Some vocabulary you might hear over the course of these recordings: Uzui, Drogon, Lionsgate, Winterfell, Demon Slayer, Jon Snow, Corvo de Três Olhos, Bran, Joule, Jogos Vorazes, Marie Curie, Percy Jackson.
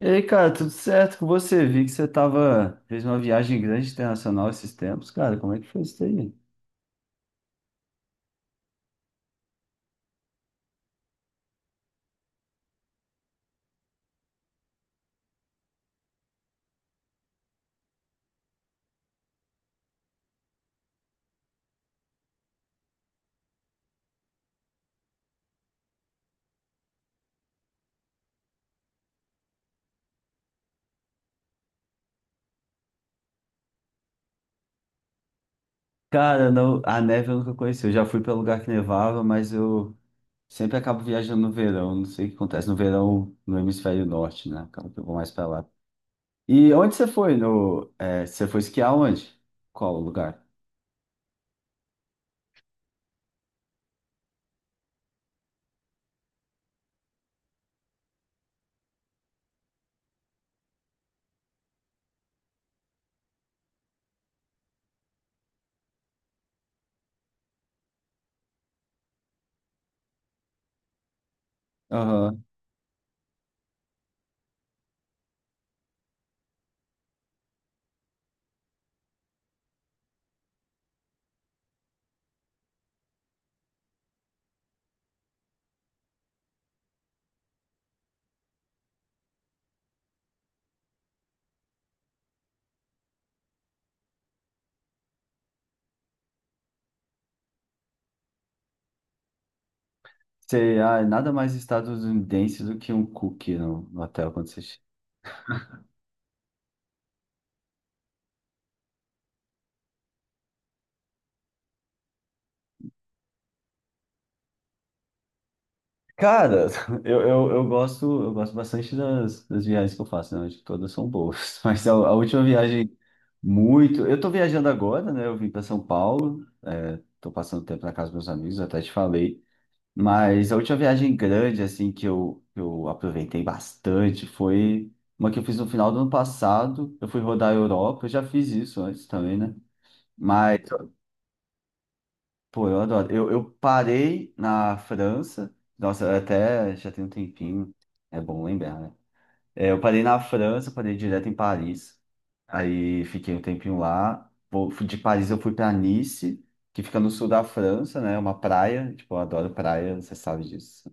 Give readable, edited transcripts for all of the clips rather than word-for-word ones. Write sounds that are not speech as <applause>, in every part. E aí, cara, tudo certo com você? Vi que fez uma viagem grande internacional esses tempos, cara. Como é que foi isso aí? Cara, não, a neve eu nunca conheci. Eu já fui para lugar que nevava, mas eu sempre acabo viajando no verão. Não sei o que acontece no verão no hemisfério norte, né? Acaba que eu vou mais para lá. E onde você foi? No, é, Você foi esquiar onde? Qual lugar? Aham. Nada mais estadunidense do que um cookie no hotel quando você Cara, <laughs> eu gosto bastante das viagens que eu faço, né? Acho que todas são boas. <laughs> Mas a última viagem, muito. Eu tô viajando agora, né? Eu vim para São Paulo, tô passando tempo na casa dos meus amigos, até te falei. Mas a última viagem grande, assim, que eu aproveitei bastante foi uma que eu fiz no final do ano passado. Eu fui rodar a Europa, eu já fiz isso antes também, né? Mas pô, eu adoro. Eu parei na França, nossa, até já tem um tempinho, é bom lembrar, né? É, eu parei na França, parei direto em Paris, aí fiquei um tempinho lá. De Paris eu fui pra Nice, que fica no sul da França, né? É uma praia, tipo, eu adoro praia, você sabe disso.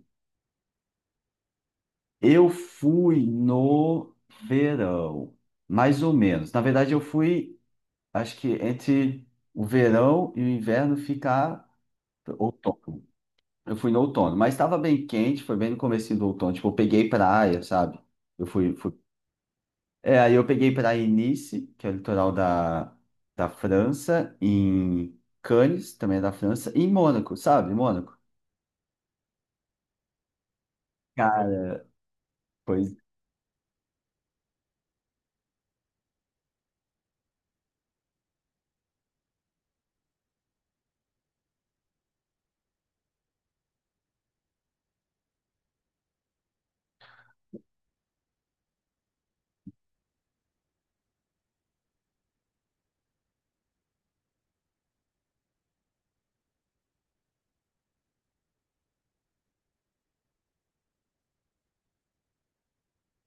Eu fui no verão, mais ou menos. Na verdade, eu fui, acho que entre o verão e o inverno ficar outono. Eu fui no outono, mas estava bem quente, foi bem no comecinho do outono. Tipo, eu peguei praia, sabe? Eu fui, fui... É, aí eu peguei praia em Nice, que é o litoral da França, em Cannes, também é da França, e em Mônaco, sabe? Mônaco. Cara, pois,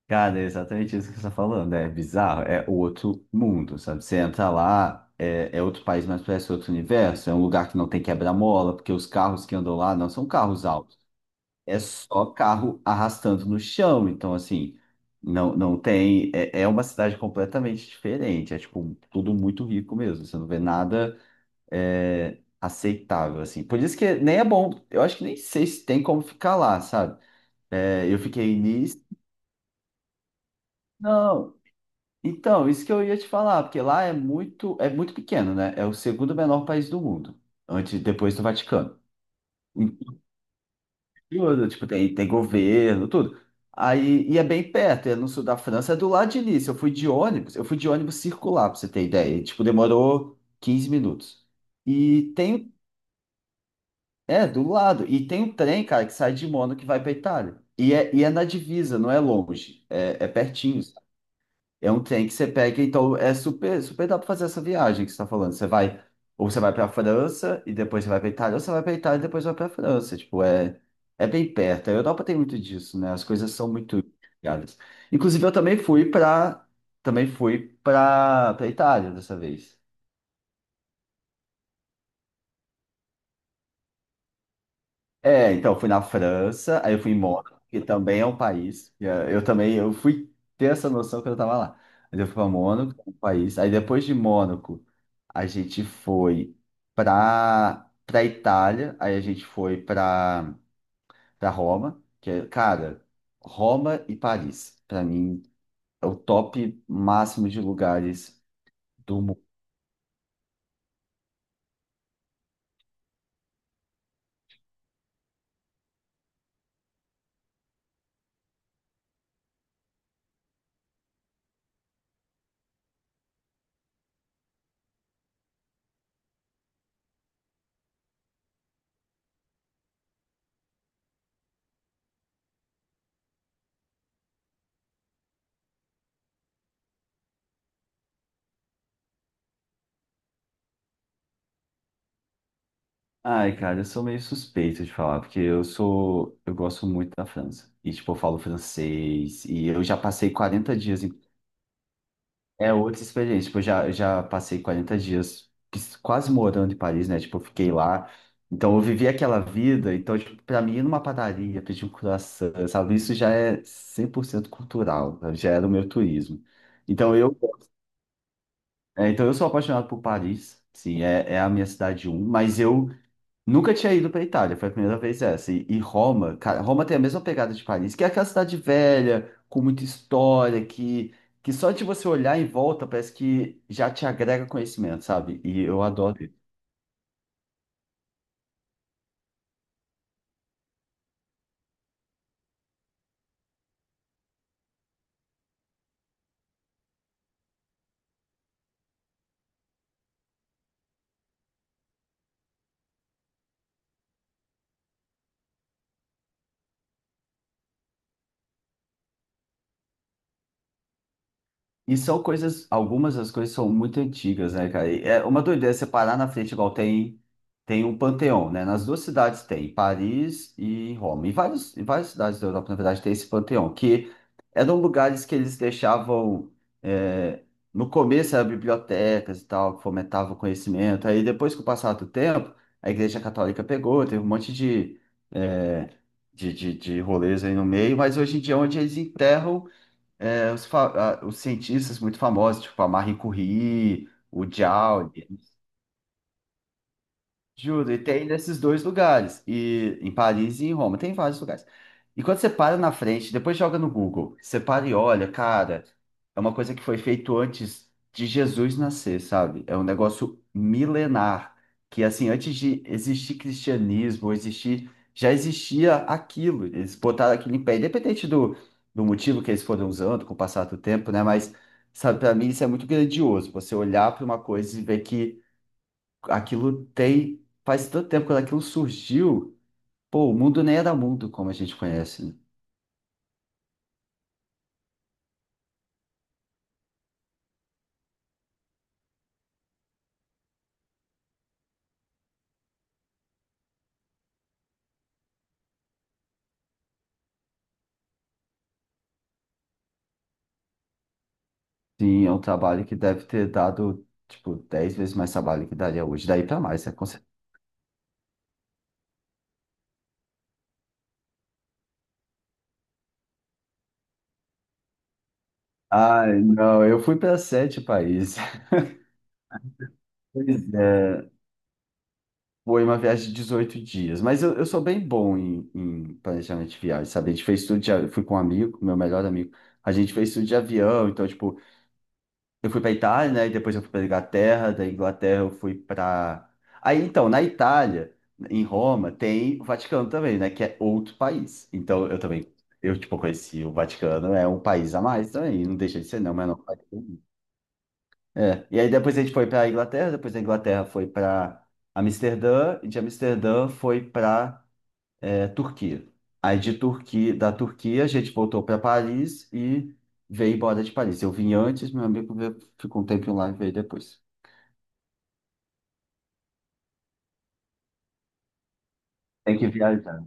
cara, é exatamente isso que você está falando. É bizarro, é outro mundo, sabe? Você entra lá, é outro país, mas parece outro universo. É um lugar que não tem quebra-mola, porque os carros que andam lá não são carros altos. É só carro arrastando no chão. Então, assim, não, não tem. É uma cidade completamente diferente. É, tipo, tudo muito rico mesmo. Você não vê nada aceitável, assim. Por isso que nem é bom. Eu acho que nem sei se tem como ficar lá, sabe? É, eu fiquei nisso. Não. Então, isso que eu ia te falar, porque lá é muito pequeno, né? É o segundo menor país do mundo, depois do Vaticano. Tudo, tipo, tem governo, tudo. Aí, e é bem perto, é no sul da França, é do lado de Nice. Eu fui de ônibus circular, pra você ter ideia. E, tipo, demorou 15 minutos. E tem, é, do lado. E tem um trem, cara, que sai de Mônaco que vai pra Itália. E é na divisa, não é longe, é pertinho. É um trem que você pega, então é super dá para fazer essa viagem que você está falando. Ou você vai para a França e depois você vai para Itália, ou você vai para Itália e depois vai para a França. Tipo, é bem perto. A Europa tem muito disso, né? As coisas são muito ligadas. Inclusive, eu também fui para Itália dessa vez. É, então, eu fui na França, aí eu fui em Mônaco, que também é um país. Eu fui ter essa noção quando eu tava lá. Mas eu fui para Mônaco, que é um país. Aí depois de Mônaco, a gente foi pra Itália, aí a gente foi pra Roma, cara, Roma e Paris, pra mim, é o top máximo de lugares do ai, cara, eu sou meio suspeito de falar, porque eu gosto muito da França. E, tipo, eu falo francês, e eu já passei 40 dias em... É outra experiência, tipo, eu já passei 40 dias quase morando em Paris, né? Tipo, eu fiquei lá, então eu vivi aquela vida, então, tipo, pra mim, ir numa padaria, pedir um croissant, sabe? Isso já é 100% cultural, sabe? Já era o meu turismo. Então, eu, então, eu sou apaixonado por Paris, sim, é a minha cidade um, mas eu... Nunca tinha ido pra Itália, foi a primeira vez essa. E Roma, cara, Roma tem a mesma pegada de Paris, que é aquela cidade velha, com muita história, que só de você olhar em volta parece que já te agrega conhecimento, sabe? E eu adoro isso. E são coisas, algumas das coisas são muito antigas, né, cara? E é uma doideira você parar na frente, igual tem, um panteão, né? Nas duas cidades tem, em Paris e em Roma. Em várias cidades da Europa, na verdade, tem esse panteão, que eram lugares que eles deixavam. é, no começo eram bibliotecas e tal, que fomentavam o conhecimento. Aí depois, com o passar do tempo, a Igreja Católica pegou, teve um monte de, eh, de rolês aí no meio, mas hoje em dia é onde eles enterram os cientistas muito famosos, tipo a Marie Curie, o Joule. Juro, e tem nesses dois lugares, e em Paris e em Roma, tem vários lugares. E quando você para na frente, depois joga no Google, você para e olha, cara, é uma coisa que foi feito antes de Jesus nascer, sabe? É um negócio milenar, que assim, antes de existir cristianismo, existir, já existia aquilo, eles botaram aquilo em pé, independente do motivo que eles foram usando com o passar do tempo, né? Mas, sabe, para mim isso é muito grandioso, você olhar para uma coisa e ver que aquilo tem. Faz tanto tempo quando aquilo surgiu, pô, o mundo nem era mundo como a gente conhece, né? Sim, é um trabalho que deve ter dado, tipo, 10 vezes mais trabalho que daria hoje, daí pra mais, né? Com certeza. Ai, não, eu fui para sete países. <laughs> Pois é, foi uma viagem de 18 dias, mas eu sou bem bom em, planejamento de viagem, sabe? A gente fez tudo eu fui com um amigo, meu melhor amigo, a gente fez tudo de avião, então, tipo, eu fui pra Itália, né? E depois eu fui pra Inglaterra, da Inglaterra eu fui pra. Aí então, na Itália, em Roma, tem o Vaticano também, né? Que é outro país. Então eu também, eu tipo, conheci o Vaticano, é um país a mais também, não deixa de ser, não, mas não. É. E aí depois a gente foi pra Inglaterra, depois da Inglaterra foi pra Amsterdã, e de Amsterdã foi pra Turquia. Da Turquia a gente voltou para Paris e veio embora de Paris. Eu vim antes, meu amigo ficou um tempo lá e veio depois. Tem que viajar.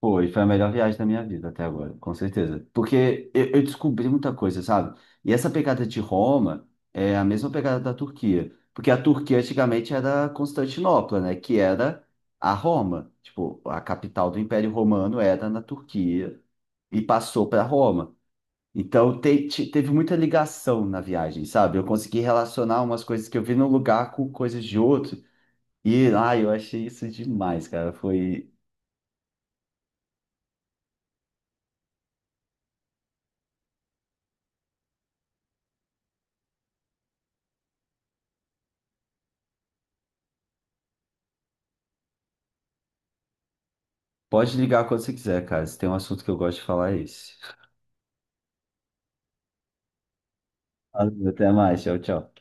Foi a melhor viagem da minha vida até agora, com certeza. Porque eu descobri muita coisa, sabe? E essa pegada de Roma é a mesma pegada da Turquia. Porque a Turquia antigamente era Constantinopla, né? Que era a Roma. Tipo, a capital do Império Romano era na Turquia e passou para Roma. Então teve muita ligação na viagem, sabe? Eu consegui relacionar umas coisas que eu vi num lugar com coisas de outro. E, ai, eu achei isso demais, cara. Foi. Pode ligar quando você quiser, cara. Se tem um assunto que eu gosto de falar, é esse. Valeu, até mais, tchau, tchau.